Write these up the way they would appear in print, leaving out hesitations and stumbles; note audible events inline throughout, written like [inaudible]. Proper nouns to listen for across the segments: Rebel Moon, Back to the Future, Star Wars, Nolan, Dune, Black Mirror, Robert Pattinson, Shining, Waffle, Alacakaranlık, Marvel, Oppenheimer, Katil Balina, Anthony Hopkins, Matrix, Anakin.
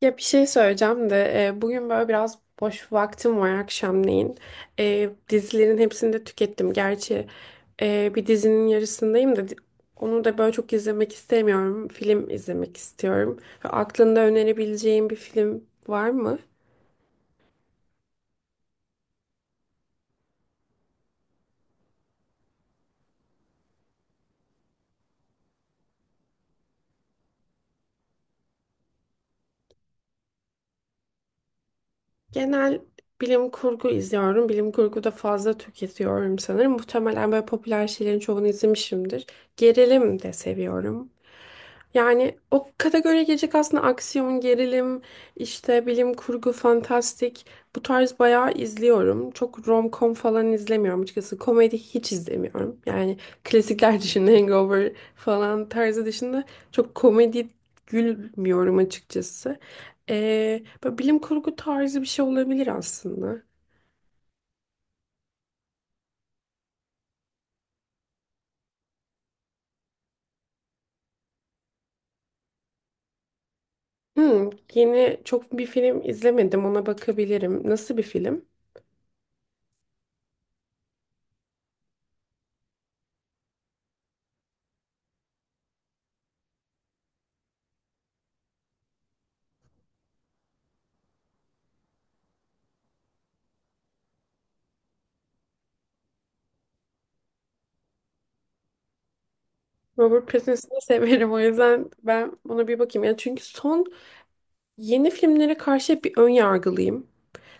Ya bir şey söyleyeceğim de bugün böyle biraz boş vaktim var akşamleyin. Dizilerin hepsini de tükettim. Gerçi bir dizinin yarısındayım da onu da böyle çok izlemek istemiyorum. Film izlemek istiyorum. Ve aklında önerebileceğim bir film var mı? Genel bilim kurgu izliyorum. Bilim kurgu da fazla tüketiyorum sanırım. Muhtemelen böyle popüler şeylerin çoğunu izlemişimdir. Gerilim de seviyorum. Yani o kategoriye girecek aslında aksiyon, gerilim, işte bilim kurgu, fantastik bu tarz bayağı izliyorum. Çok rom-com falan izlemiyorum açıkçası. Komedi hiç izlemiyorum. Yani klasikler [laughs] dışında Hangover falan tarzı dışında çok komedi gülmüyorum açıkçası. Böyle bilim kurgu tarzı bir şey olabilir aslında. Hmm, yeni çok bir film izlemedim, ona bakabilirim. Nasıl bir film? Robert Pattinson'ı severim, o yüzden ben buna bir bakayım. Yani çünkü son yeni filmlere karşı hep bir ön yargılıyım.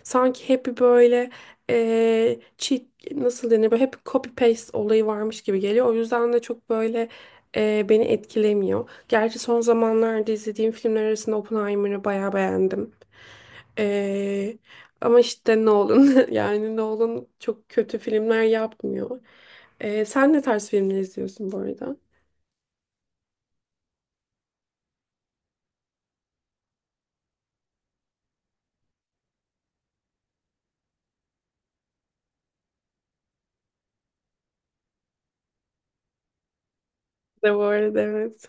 Sanki hep bir böyle cheat, nasıl denir, böyle hep copy paste olayı varmış gibi geliyor. O yüzden de çok böyle beni etkilemiyor. Gerçi son zamanlarda izlediğim filmler arasında Oppenheimer'ı bayağı beğendim. Eee, Ama işte Nolan [laughs] yani Nolan çok kötü filmler yapmıyor. Sen ne tarz filmler izliyorsun bu arada? De bu arada evet.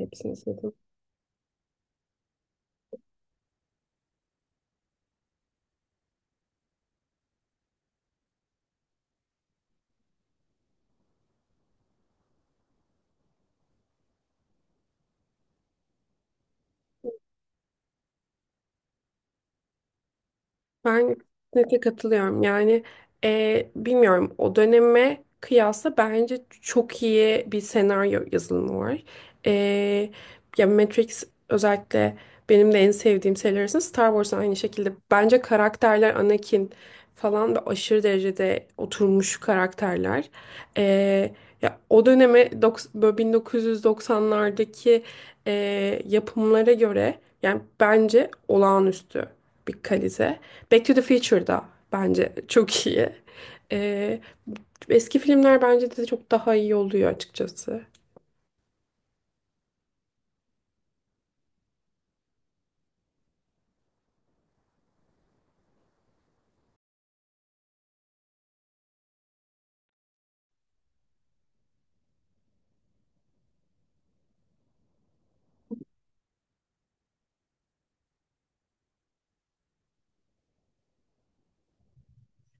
Hepsini sildim. Ben kesinlikle katılıyorum. Yani bilmiyorum, o döneme kıyasla bence çok iyi bir senaryo yazılımı var. E, Ya Matrix özellikle benim de en sevdiğim seriler arasında. Star Wars aynı şekilde. Bence karakterler, Anakin falan da aşırı derecede oturmuş karakterler. E, Ya o döneme böyle 1990'lardaki e, yapımlara göre yani bence olağanüstü bir kalite. Back to the Future da bence çok iyi. Ee, Eski filmler bence de çok daha iyi oluyor açıkçası.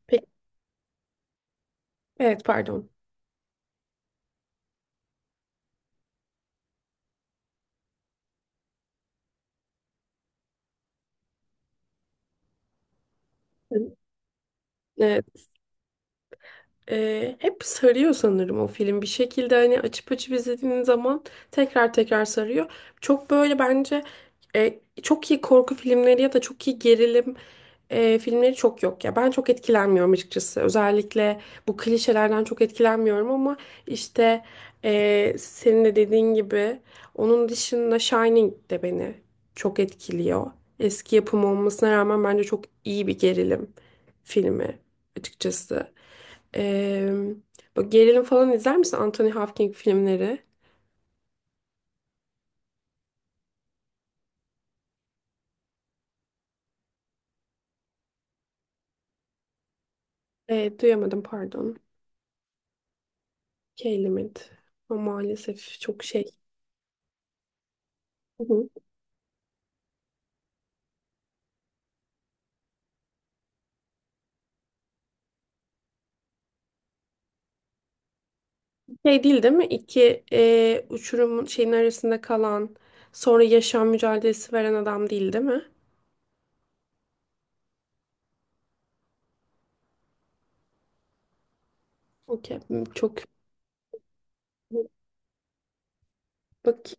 Peki, evet pardon. Ee, Hep sarıyor sanırım o film. Bir şekilde hani açıp açıp izlediğin zaman tekrar tekrar sarıyor. Çok böyle bence çok iyi korku filmleri ya da çok iyi gerilim filmleri çok yok ya. Ben çok etkilenmiyorum açıkçası. Özellikle bu klişelerden çok etkilenmiyorum ama işte senin de dediğin gibi onun dışında Shining de beni çok etkiliyor. Eski yapım olmasına rağmen bence çok iyi bir gerilim filmi açıkçası. Ee, Bu gerilim falan izler misin? Anthony Hopkins filmleri. Duyamadım pardon. Keylimit. Ama maalesef çok şey. Hı hı. Şey değil değil mi? İki uçurumun şeyin arasında kalan sonra yaşam mücadelesi veren adam değil değil mi? Okey. Çok bak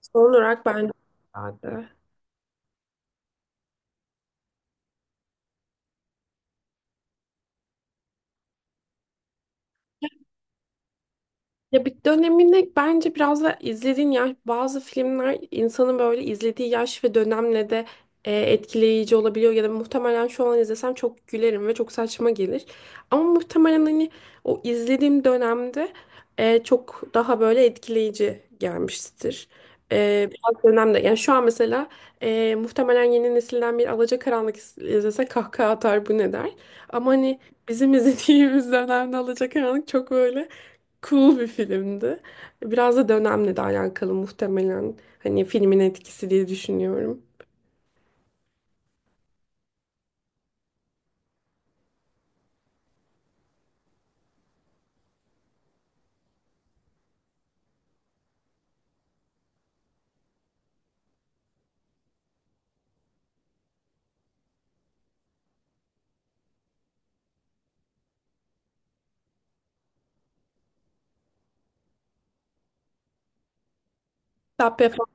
son olarak ben. Hadi. Ya bir döneminde bence biraz da izlediğin yaş, bazı filmler insanın böyle izlediği yaş ve dönemle de etkileyici olabiliyor ya da muhtemelen şu an izlesem çok gülerim ve çok saçma gelir. Ama muhtemelen hani o izlediğim dönemde çok daha böyle etkileyici gelmiştir. Biraz dönemde yani şu an mesela muhtemelen yeni nesilden bir Alacakaranlık izlese kahkaha atar, bu ne der. Ama hani bizim [laughs] izlediğimiz dönemde Alacakaranlık çok böyle cool bir filmdi. Biraz da dönemle de alakalı muhtemelen. Hani filmin etkisi diye düşünüyorum. Hatta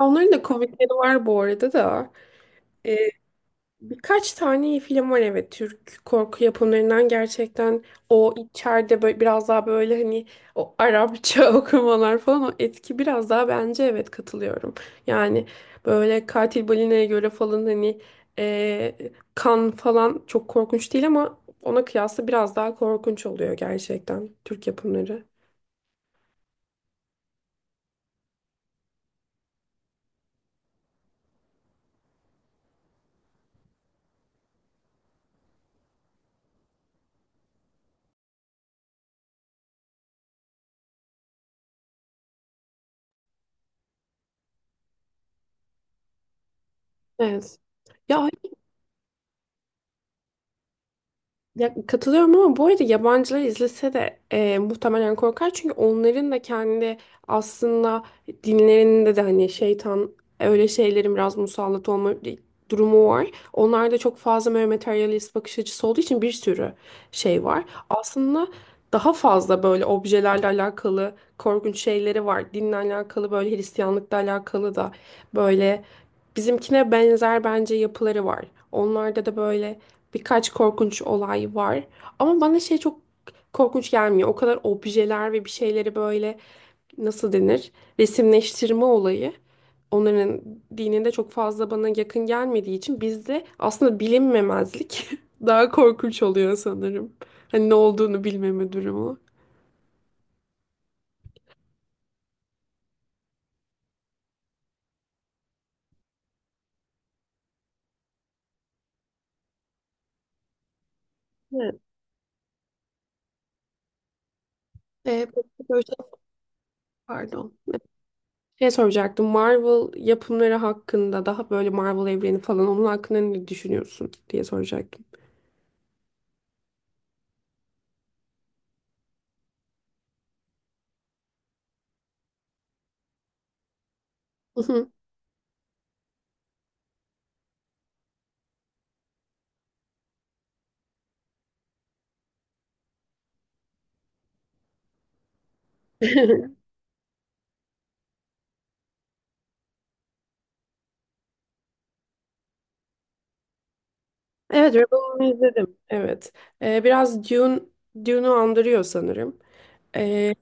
onların da komikleri var bu arada da. Ee, Birkaç tane iyi film var evet, Türk korku yapımlarından. Gerçekten o içeride böyle biraz daha böyle hani o Arapça [laughs] okumalar falan, o etki biraz daha, bence evet katılıyorum. Yani böyle Katil Balina'ya göre falan hani e, kan falan çok korkunç değil ama ona kıyasla biraz daha korkunç oluyor gerçekten Türk yapımları. Evet. Ya. Ya, katılıyorum ama bu arada yabancılar izlese de muhtemelen korkar. Çünkü onların da kendi aslında dinlerinde de hani şeytan, öyle şeylerin biraz musallat olma durumu var. Onlarda çok fazla böyle materyalist bakış açısı olduğu için bir sürü şey var. Aslında daha fazla böyle objelerle alakalı korkunç şeyleri var. Dinle alakalı böyle, Hristiyanlıkla alakalı da böyle bizimkine benzer bence yapıları var. Onlarda da böyle birkaç korkunç olay var. Ama bana şey çok korkunç gelmiyor. O kadar objeler ve bir şeyleri böyle nasıl denir? Resimleştirme olayı. Onların dininde çok fazla bana yakın gelmediği için, bizde aslında bilinmemezlik [laughs] daha korkunç oluyor sanırım. Hani ne olduğunu bilmeme durumu. Evet. Ee, peki böyle şey- Pardon. Şey soracaktım. Marvel yapımları hakkında, daha böyle Marvel evreni falan, onun hakkında ne düşünüyorsun diye soracaktım. [laughs] Evet, Rebel'ı izledim. Evet. Biraz Dune, Dune'u andırıyor sanırım. Ee,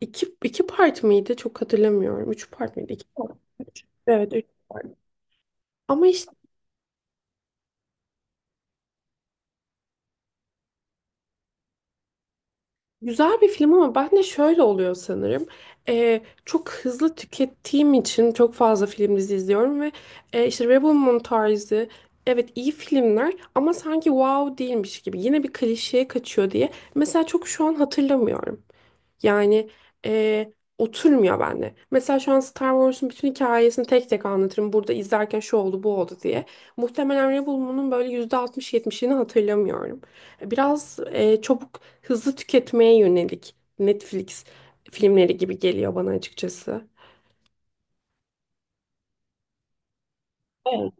iki, iki part mıydı? Çok hatırlamıyorum. Üç part mıydı? İki part. Üç. Evet, üç part. Ama işte güzel bir film ama ben de şöyle oluyor sanırım. Çok hızlı tükettiğim için çok fazla film dizi izliyorum ve işte Rebel Moon tarzı, evet, iyi filmler ama sanki wow değilmiş gibi. Yine bir klişeye kaçıyor diye. Mesela çok şu an hatırlamıyorum. Yani oturmuyor bende. Mesela şu an Star Wars'un bütün hikayesini tek tek anlatırım. Burada izlerken şu oldu bu oldu diye. Muhtemelen Rebel'ımın böyle %60-70'ini hatırlamıyorum. Biraz çabuk hızlı tüketmeye yönelik Netflix filmleri gibi geliyor bana açıkçası. Evet.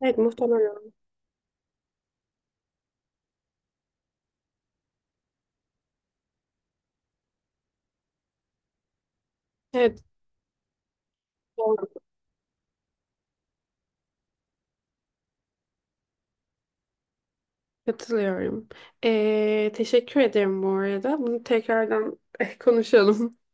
Evet muhtemelen. Evet doğru. Katılıyorum. Teşekkür ederim bu arada. Bunu tekrardan [laughs] konuşalım.